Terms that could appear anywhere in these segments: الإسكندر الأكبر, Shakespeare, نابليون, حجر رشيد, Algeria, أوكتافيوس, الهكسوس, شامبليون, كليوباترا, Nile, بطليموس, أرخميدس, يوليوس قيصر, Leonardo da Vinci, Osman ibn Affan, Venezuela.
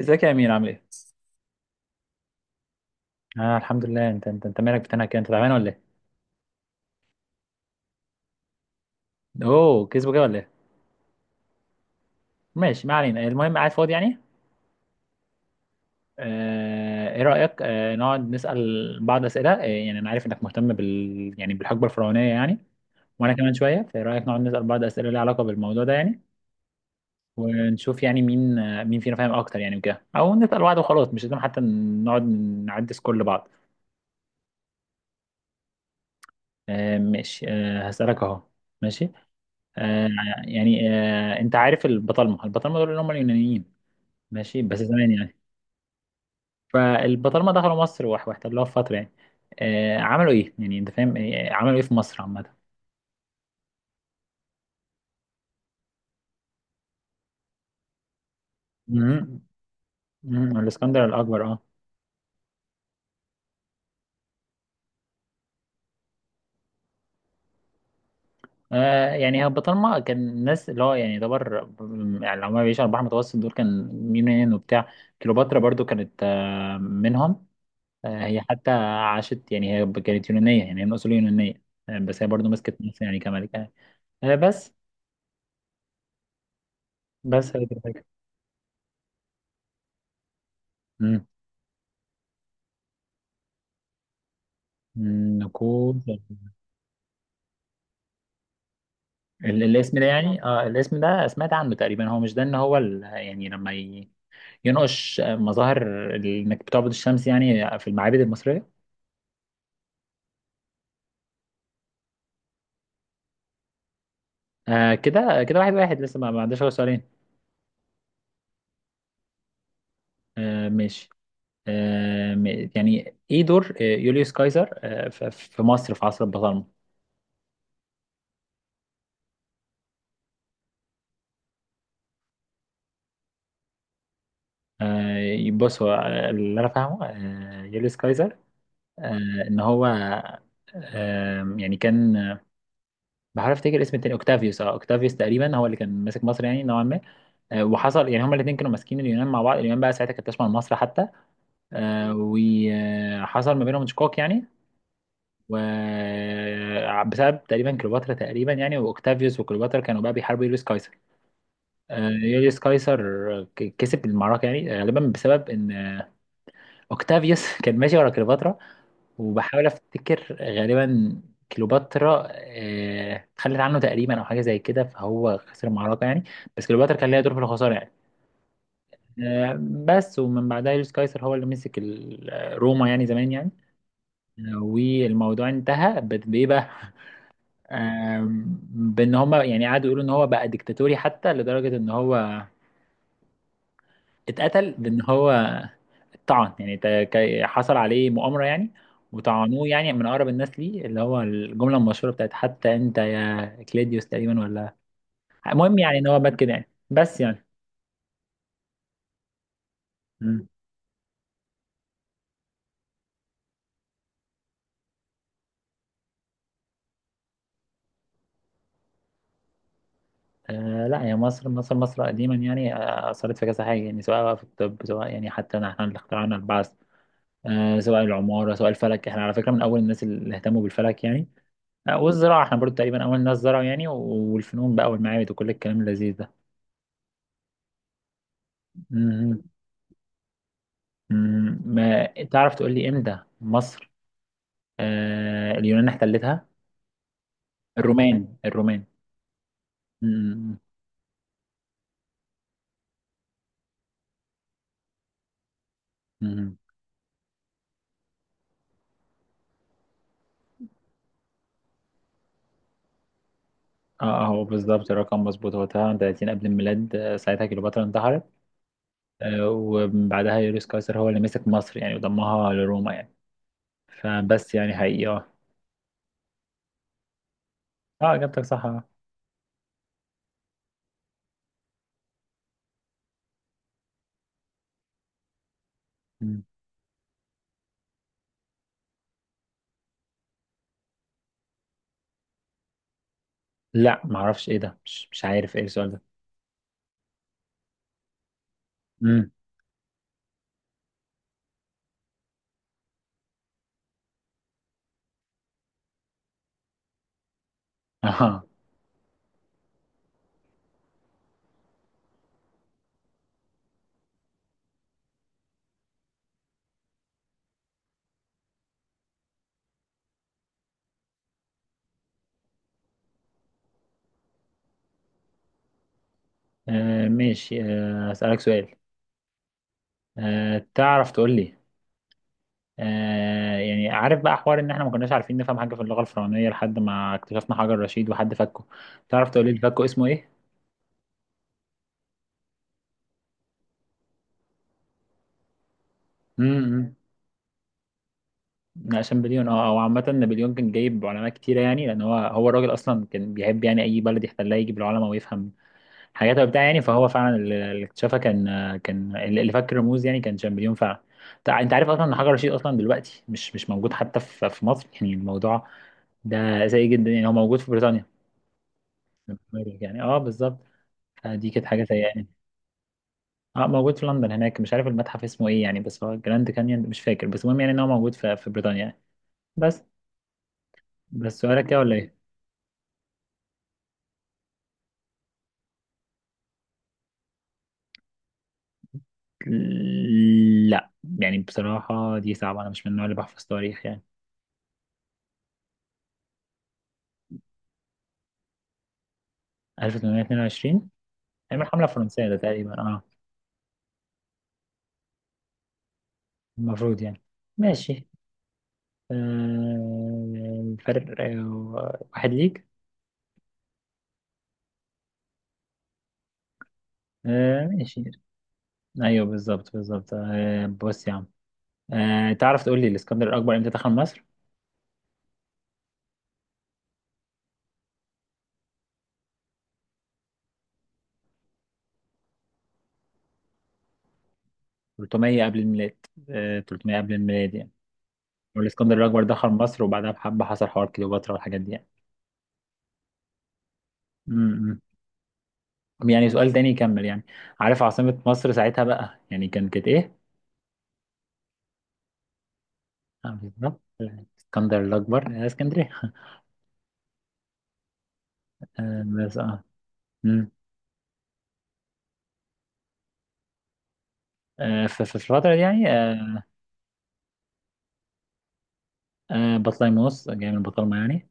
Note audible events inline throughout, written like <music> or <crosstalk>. ازيك يا امير، عامل ايه؟ اه الحمد لله. انت مالك بتنهك كده، انت تعبان ولا ايه؟ اوه، كسبه كده ولا ايه؟ ماشي، ما علينا. المهم، قاعد فاضي يعني. آه، ايه رايك، نقعد نسال بعض اسئله، يعني انا عارف انك مهتم بالحقبه الفرعونيه يعني. وانا كمان شويه، فايه رايك نقعد نسال بعض اسئله ليها علاقه بالموضوع ده يعني. ونشوف يعني مين، مين فينا فاهم اكتر يعني، وكده، او نسال بعض وخلاص، مش لازم حتى نقعد نعدي سكور لبعض. آه ماشي، آه هسالك اهو. ماشي، آه. يعني انت عارف البطالمه، دول اللي هم اليونانيين، ماشي؟ بس زمان يعني. فالبطالمه دخلوا مصر واحتلوها في فتره يعني. آه، عملوا ايه يعني، انت فاهم آه، عملوا ايه في مصر عامه؟ مهم. مهم. الاسكندر الاكبر، اه. آه، يعني هو البطالمه كان الناس اللي هو يعني يعتبر، يعني اللي هم بيعيشوا على البحر المتوسط، دول كان يونان وبتاع. كليوباترا برضو كانت آه، منهم. آه، هي حتى عاشت، يعني هي كانت يونانيه، يعني هي من اصول يونانيه. آه، بس هي برضو مسكت مصر يعني كملكه آه، آه، بس، بس هي دي الفكره. مم. مم، نقود. الاسم ده، يعني اه الاسم ده سمعت عنه تقريبا، هو مش ده ان هو ال... يعني لما ي... ينقش مظاهر انك بتعبد الشمس يعني في المعابد المصرية. آه كده كده، واحد واحد. لسه ما عنديش غير سؤالين. آه ماشي. يعني ايه دور آه، يوليوس قيصر آه في مصر في عصر البطالمة؟ آه بص، هو آه، اللي انا فاهمه آه يوليوس قيصر، آه ان هو، آه يعني كان، بحاول افتكر اسم التاني، اوكتافيوس. اه اوكتافيوس تقريبا هو اللي كان ماسك مصر يعني نوعا ما. آه، وحصل يعني هما الاثنين كانوا ماسكين اليونان مع بعض. اليونان بقى ساعتها كانت تشمل مصر حتى. آه، وحصل ما بينهم شقاق يعني. وبسبب تقريبا كليوباترا تقريبا، يعني واوكتافيوس وكليوباترا كانوا بقى بيحاربوا يوليوس قيصر. آه، يوليوس قيصر كسب المعركه يعني، آه، غالبا بسبب ان آه، اوكتافيوس <laughs> كان ماشي ورا كليوباترا. وبحاول افتكر غالبا كليوباترا آه، اتخلت عنه تقريبا او حاجه زي كده، فهو خسر المعركه يعني. بس كليوباترا كان ليها دور في الخساره يعني. آه، بس. ومن بعدها يوليوس قيصر هو اللي مسك آه، روما يعني زمان يعني. آه، والموضوع انتهى بايه بقى؟ آم، بان هما يعني قعدوا يقولوا ان هو بقى ديكتاتوري، حتى لدرجه ان هو اتقتل، بان هو طعن يعني حصل عليه مؤامرة يعني. وطعنوه يعني من أقرب الناس ليه، اللي هو الجملة المشهورة بتاعت حتى أنت يا كليديوس تقريبا ولا. المهم يعني إن هو مات كده يعني، بس يعني. مم. آه لا، يا مصر، مصر قديما يعني آه، أثرت في كذا حاجة يعني، سواء بقى في الطب، سواء يعني حتى إن إحنا اللي اخترعنا البعث، آه سواء العمارة، سواء الفلك، إحنا على فكرة من أول الناس اللي اهتموا بالفلك يعني. آه والزراعة، إحنا برضو تقريبا أول ناس زرعوا يعني، والفنون بقى، والمعابد، وكل الكلام اللذيذ ده. مم. مم، ما تعرف تقول لي امتى مصر آه اليونان احتلتها؟ الرومان، الرومان. مم، مم. اه آه، هو بالظبط الرقم مظبوط، هو 30 قبل الميلاد. آه، ساعتها كليوباترا انتحرت. آه وبعدها يوليوس قيصر هو اللي مسك مصر يعني، وضمها لروما يعني. فبس يعني حقيقي اه. اه، اجابتك صح آه. مم. لا معرفش ايه ده، مش، مش عارف ايه السؤال ده. مم. <laughs> اه. آه، ماشي آه اسألك سؤال. آه تعرف تقول لي، آه يعني عارف بقى حوار ان احنا ما كناش عارفين نفهم حاجه في اللغه الفرعونيه، لحد ما اكتشفنا حجر رشيد وحد فكه، تعرف تقولي الفكه اسمه ايه؟ امم. لا، شامبليون اه. او عامه نابليون كان جايب علماء كتيره يعني، لان هو الراجل اصلا كان بيحب يعني اي بلد يحتلها يجيب العلماء ويفهم حاجات وبتاع يعني. فهو فعلا اللي اكتشفها، كان، كان اللي فك الرموز يعني، كان شامبليون فعلا. انت عارف اصلا ان حجر رشيد اصلا دلوقتي مش موجود حتى في مصر يعني؟ الموضوع ده سيء جدا يعني، هو موجود في بريطانيا يعني. اه بالظبط. فدي كانت حاجه سيئه يعني. اه، موجود في لندن هناك. مش عارف المتحف اسمه ايه يعني، بس هو جراند كانيون، مش فاكر. بس المهم يعني ان هو موجود في بريطانيا يعني. بس، بس سؤالك كده ولا ايه؟ لا، يعني بصراحه دي صعبه، انا مش من النوع اللي بحفظ تاريخ يعني. 1822. ايام الحمله الفرنسيه ده تقريبا، اه المفروض يعني. ماشي، آه الفرق آه، واحد ليك. آه ماشي. ايوه بالظبط، بالظبط. آه بص يا عم، آه تعرف تقول لي الاسكندر الاكبر امتى دخل مصر؟ 300 قبل الميلاد. آه، 300 قبل الميلاد يعني. والاسكندر الاكبر دخل مصر، وبعدها بحبه حصل حوار كليوباترا والحاجات دي يعني. امم. يعني سؤال تاني يكمل يعني. عارف عاصمة مصر ساعتها بقى يعني، كان كانت ايه؟ آه، بالظبط الاسكندر الاكبر آه، اسكندريه <laughs> آه، بس اه. امم. آه، في الفترة دي يعني آه، آه، بطليموس جاي من بطالمة يعني.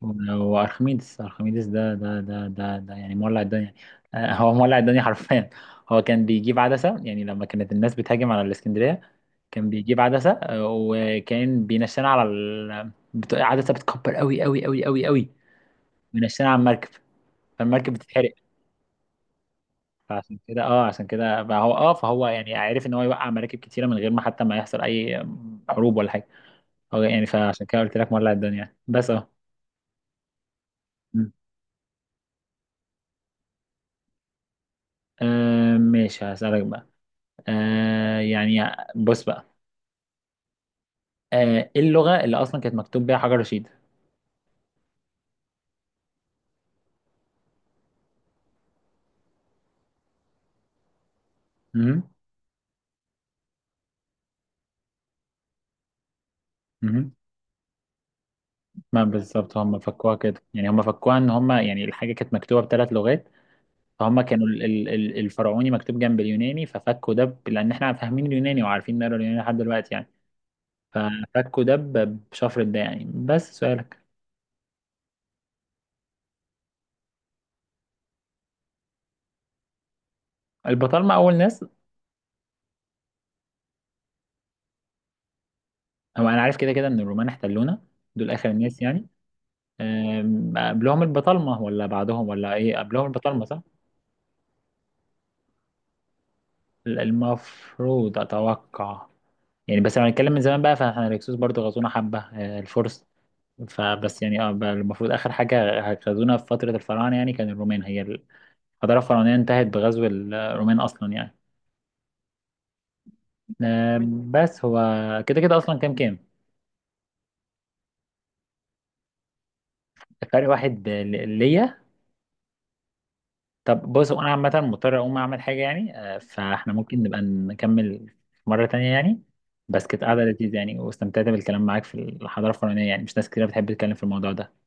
وارخميدس، ارخميدس ده يعني مولع الدنيا. آه، هو مولع الدنيا حرفيا. هو كان بيجيب عدسة يعني، لما كانت الناس بتهاجم على الاسكندرية، كان بيجيب عدسة آه، وكان بينشنا على ال... بت... عدسة بتكبر قوي قوي قوي قوي قوي. وينشنا على المركب، فالمركب بتتحرق. فعشان كده اه، عشان كده فهو اه، فهو يعني عارف ان هو يوقع مراكب كتيرة من غير ما حتى ما يحصل اي حروب ولا حاجة. هو يعني فعشان كده قلت لك مولع الدنيا يعني. بس اه. م. آه، ماشي هسألك بقى، آه يعني، بص بقى، آه، ايه اللغة اللي اصلا كانت مكتوب بيها حجر رشيد؟ مهم. مهم. ما بالظبط هم فكوها كده يعني، هم فكوها ان هم يعني الحاجه كانت مكتوبه بثلاث لغات. فهم كانوا الفرعوني مكتوب جنب اليوناني، ففكوا ده لان احنا فاهمين اليوناني وعارفين نقرا اليوناني لحد دلوقتي يعني. ففكوا ده بشفرة ده يعني. بس سؤالك، البطالمه اول ناس. هو انا عارف كده كده ان الرومان احتلونا، دول اخر الناس يعني. أم، قبلهم البطالمه ولا بعدهم ولا ايه؟ قبلهم البطالمه صح، المفروض اتوقع يعني. بس لو هنتكلم من زمان بقى، فاحنا الهكسوس برضو غزونا حبه، أه، الفرس. فبس يعني اه المفروض اخر حاجه غزونا في فتره الفراعنه يعني كان الرومان. هي الحضاره الفرعونيه انتهت بغزو الرومان اصلا يعني. آم، بس هو كده كده اصلا كام كام؟ فرق واحد ليا. طب بص، انا عامه مضطر اقوم اعمل حاجه يعني آه، فاحنا ممكن نبقى نكمل مره تانية يعني. بس كانت قاعده لذيذه يعني، واستمتعت بالكلام معاك في الحضاره الفرعونيه يعني، مش ناس كتير بتحب تتكلم في الموضوع ده.